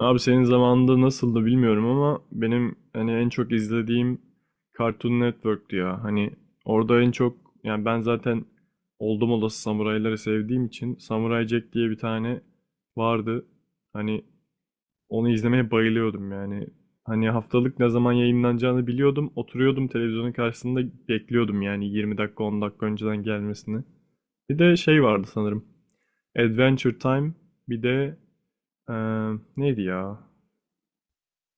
Abi senin zamanında nasıldı bilmiyorum ama benim en çok izlediğim Cartoon Network'tü ya. Orada en çok, ben zaten oldum olası samurayları sevdiğim için Samurai Jack diye bir tane vardı. Hani Onu izlemeye bayılıyordum yani. Hani haftalık ne zaman yayınlanacağını biliyordum. Oturuyordum televizyonun karşısında, bekliyordum yani 20 dakika 10 dakika önceden gelmesini. Bir de şey vardı sanırım. Adventure Time bir de eee, neydi ya?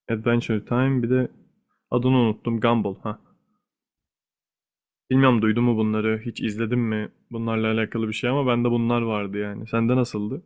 Adventure Time bir de adını unuttum, Gumball ha. Bilmiyorum, duydun mu bunları, hiç izledin mi bunlarla alakalı bir şey, ama bende bunlar vardı yani. Sende nasıldı?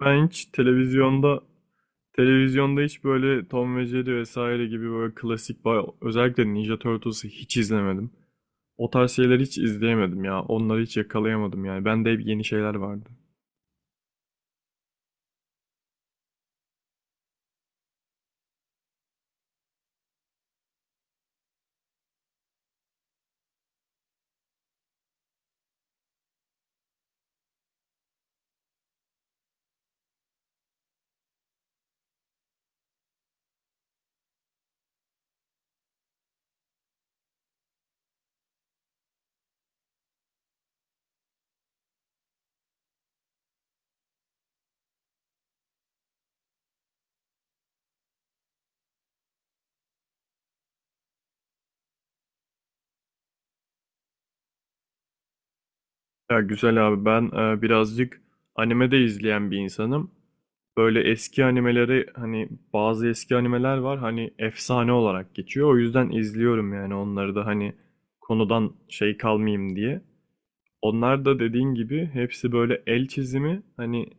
Ben hiç televizyonda, hiç böyle Tom ve Jerry vesaire gibi böyle klasik özellikle Ninja Turtles'ı hiç izlemedim. O tarz şeyleri hiç izleyemedim ya. Onları hiç yakalayamadım yani. Bende hep yeni şeyler vardı. Ya güzel abi, ben birazcık anime de izleyen bir insanım. Böyle eski animeleri, hani bazı eski animeler var hani efsane olarak geçiyor. O yüzden izliyorum yani onları da, hani konudan şey kalmayayım diye. Onlar da dediğin gibi hepsi böyle el çizimi, hani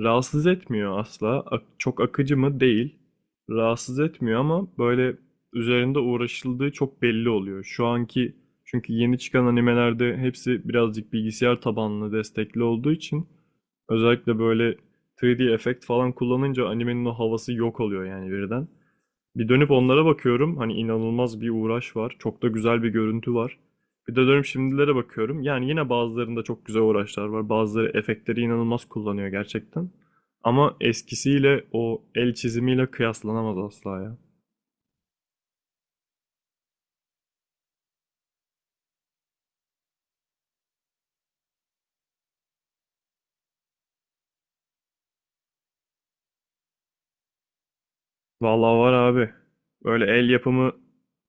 rahatsız etmiyor asla. Çok akıcı mı? Değil. Rahatsız etmiyor, ama böyle üzerinde uğraşıldığı çok belli oluyor. Şu anki, çünkü yeni çıkan animelerde hepsi birazcık bilgisayar tabanlı destekli olduğu için, özellikle böyle 3D efekt falan kullanınca animenin o havası yok oluyor yani birden. Bir dönüp onlara bakıyorum. Hani inanılmaz bir uğraş var. Çok da güzel bir görüntü var. Bir de dönüp şimdilere bakıyorum. Yani yine bazılarında çok güzel uğraşlar var. Bazıları efektleri inanılmaz kullanıyor gerçekten. Ama eskisiyle, o el çizimiyle kıyaslanamaz asla ya. Vallahi var abi. Böyle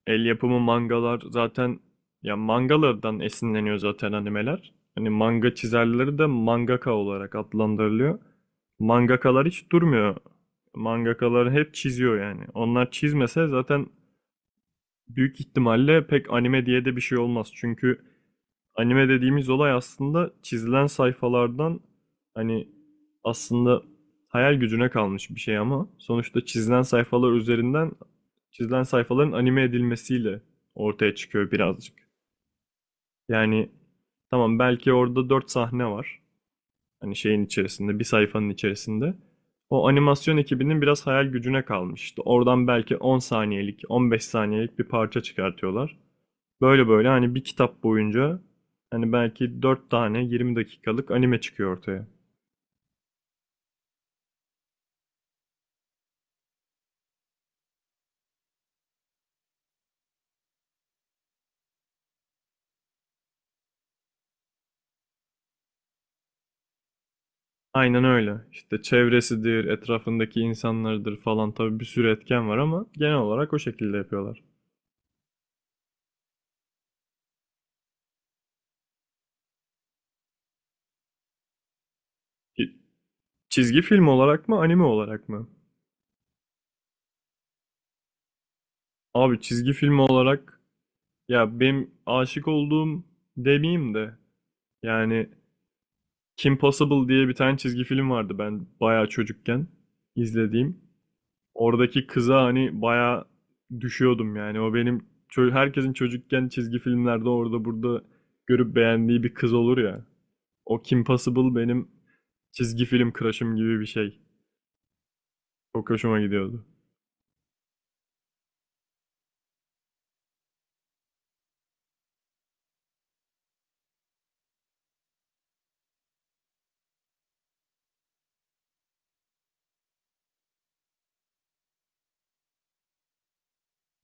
el yapımı mangalar zaten, ya mangalardan esinleniyor zaten animeler. Hani manga çizerleri de mangaka olarak adlandırılıyor. Mangakalar hiç durmuyor. Mangakalar hep çiziyor yani. Onlar çizmese zaten büyük ihtimalle pek anime diye de bir şey olmaz. Çünkü anime dediğimiz olay aslında çizilen sayfalardan, hani aslında hayal gücüne kalmış bir şey ama sonuçta çizilen sayfalar üzerinden, çizilen sayfaların anime edilmesiyle ortaya çıkıyor birazcık. Yani tamam, belki orada 4 sahne var. Hani şeyin içerisinde, bir sayfanın içerisinde. O animasyon ekibinin biraz hayal gücüne kalmış. İşte oradan belki 10 saniyelik, 15 saniyelik bir parça çıkartıyorlar. Böyle böyle hani bir kitap boyunca hani belki 4 tane 20 dakikalık anime çıkıyor ortaya. Aynen öyle. İşte çevresidir, etrafındaki insanlardır falan, tabii bir sürü etken var ama genel olarak o şekilde yapıyorlar. Ki- Çizgi film olarak mı, anime olarak mı? Abi çizgi film olarak, ya benim aşık olduğum demeyeyim de, yani Kim Possible diye bir tane çizgi film vardı ben bayağı çocukken izlediğim. Oradaki kıza hani bayağı düşüyordum yani. O benim, herkesin çocukken çizgi filmlerde orada burada görüp beğendiği bir kız olur ya. O Kim Possible benim çizgi film crush'ım gibi bir şey. Çok hoşuma gidiyordu.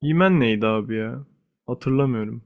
He-Man neydi abi ya? Hatırlamıyorum.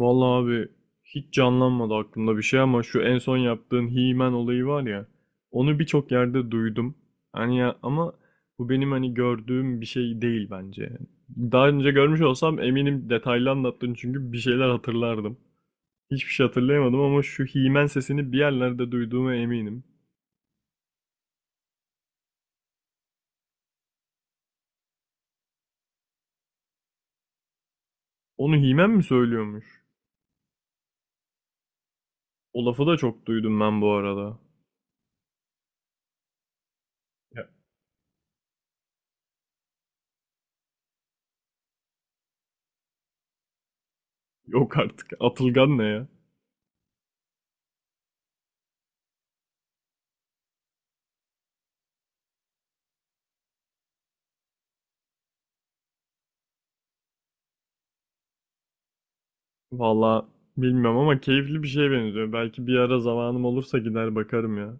Vallahi abi hiç canlanmadı aklımda bir şey ama şu en son yaptığın He-Man olayı var ya, onu birçok yerde duydum. Hani ya, ama bu benim hani gördüğüm bir şey değil bence. Daha önce görmüş olsam eminim, detaylı anlattın çünkü bir şeyler hatırlardım. Hiçbir şey hatırlayamadım ama şu He-Man sesini bir yerlerde duyduğuma eminim. Onu He-Man mi söylüyormuş? O lafı da çok duydum ben bu arada. Ya, yok artık. Atılgan ne ya? Valla bilmiyorum ama keyifli bir şeye benziyor. Belki bir ara zamanım olursa gider bakarım ya.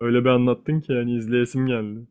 Öyle bir anlattın ki yani izleyesim geldi.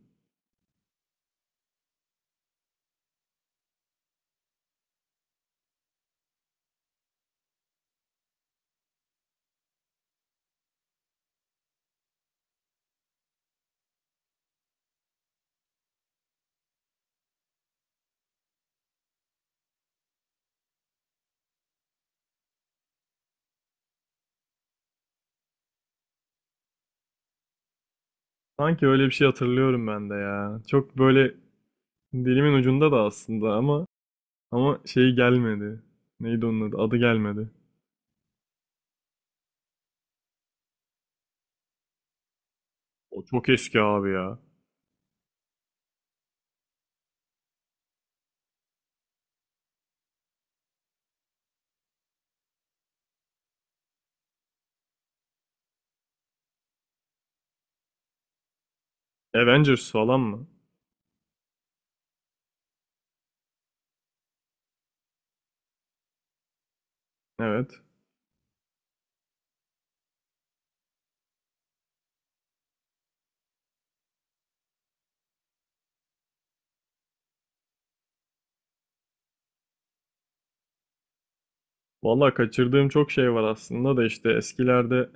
Sanki öyle bir şey hatırlıyorum ben de ya. Çok böyle dilimin ucunda da aslında ama, şey gelmedi. Neydi onun adı? Adı gelmedi. O çok eski abi ya. Avengers falan mı? Evet. Valla kaçırdığım çok şey var aslında da, işte eskilerde,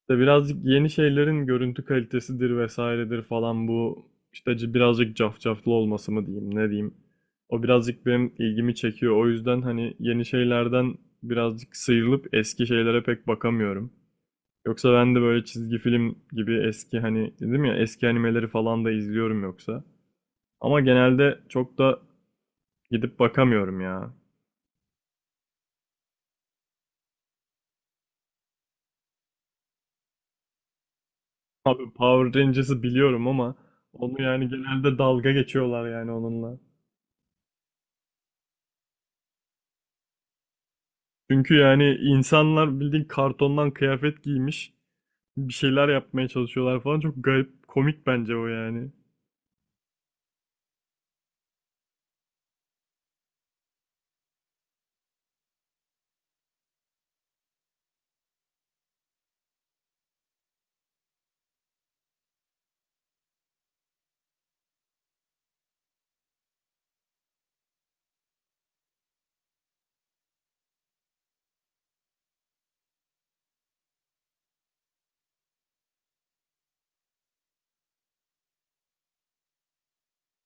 İşte birazcık yeni şeylerin görüntü kalitesidir vesairedir falan, bu işte birazcık cafcaflı olması mı diyeyim ne diyeyim. O birazcık benim ilgimi çekiyor. O yüzden hani yeni şeylerden birazcık sıyrılıp eski şeylere pek bakamıyorum. Yoksa ben de böyle çizgi film gibi eski, hani dedim ya eski animeleri falan da izliyorum yoksa. Ama genelde çok da gidip bakamıyorum ya. Abi Power Rangers'ı biliyorum ama onu yani genelde dalga geçiyorlar yani onunla. Çünkü yani insanlar bildiğin kartondan kıyafet giymiş, bir şeyler yapmaya çalışıyorlar falan. Çok garip, komik bence o yani.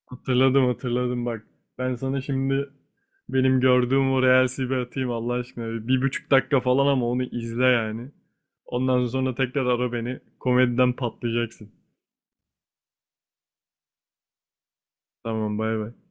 Hatırladım bak. Ben sana şimdi benim gördüğüm o Reels'i bir atayım Allah aşkına. Bir buçuk dakika falan ama onu izle yani. Ondan sonra tekrar ara beni. Komediden patlayacaksın. Tamam bay bay.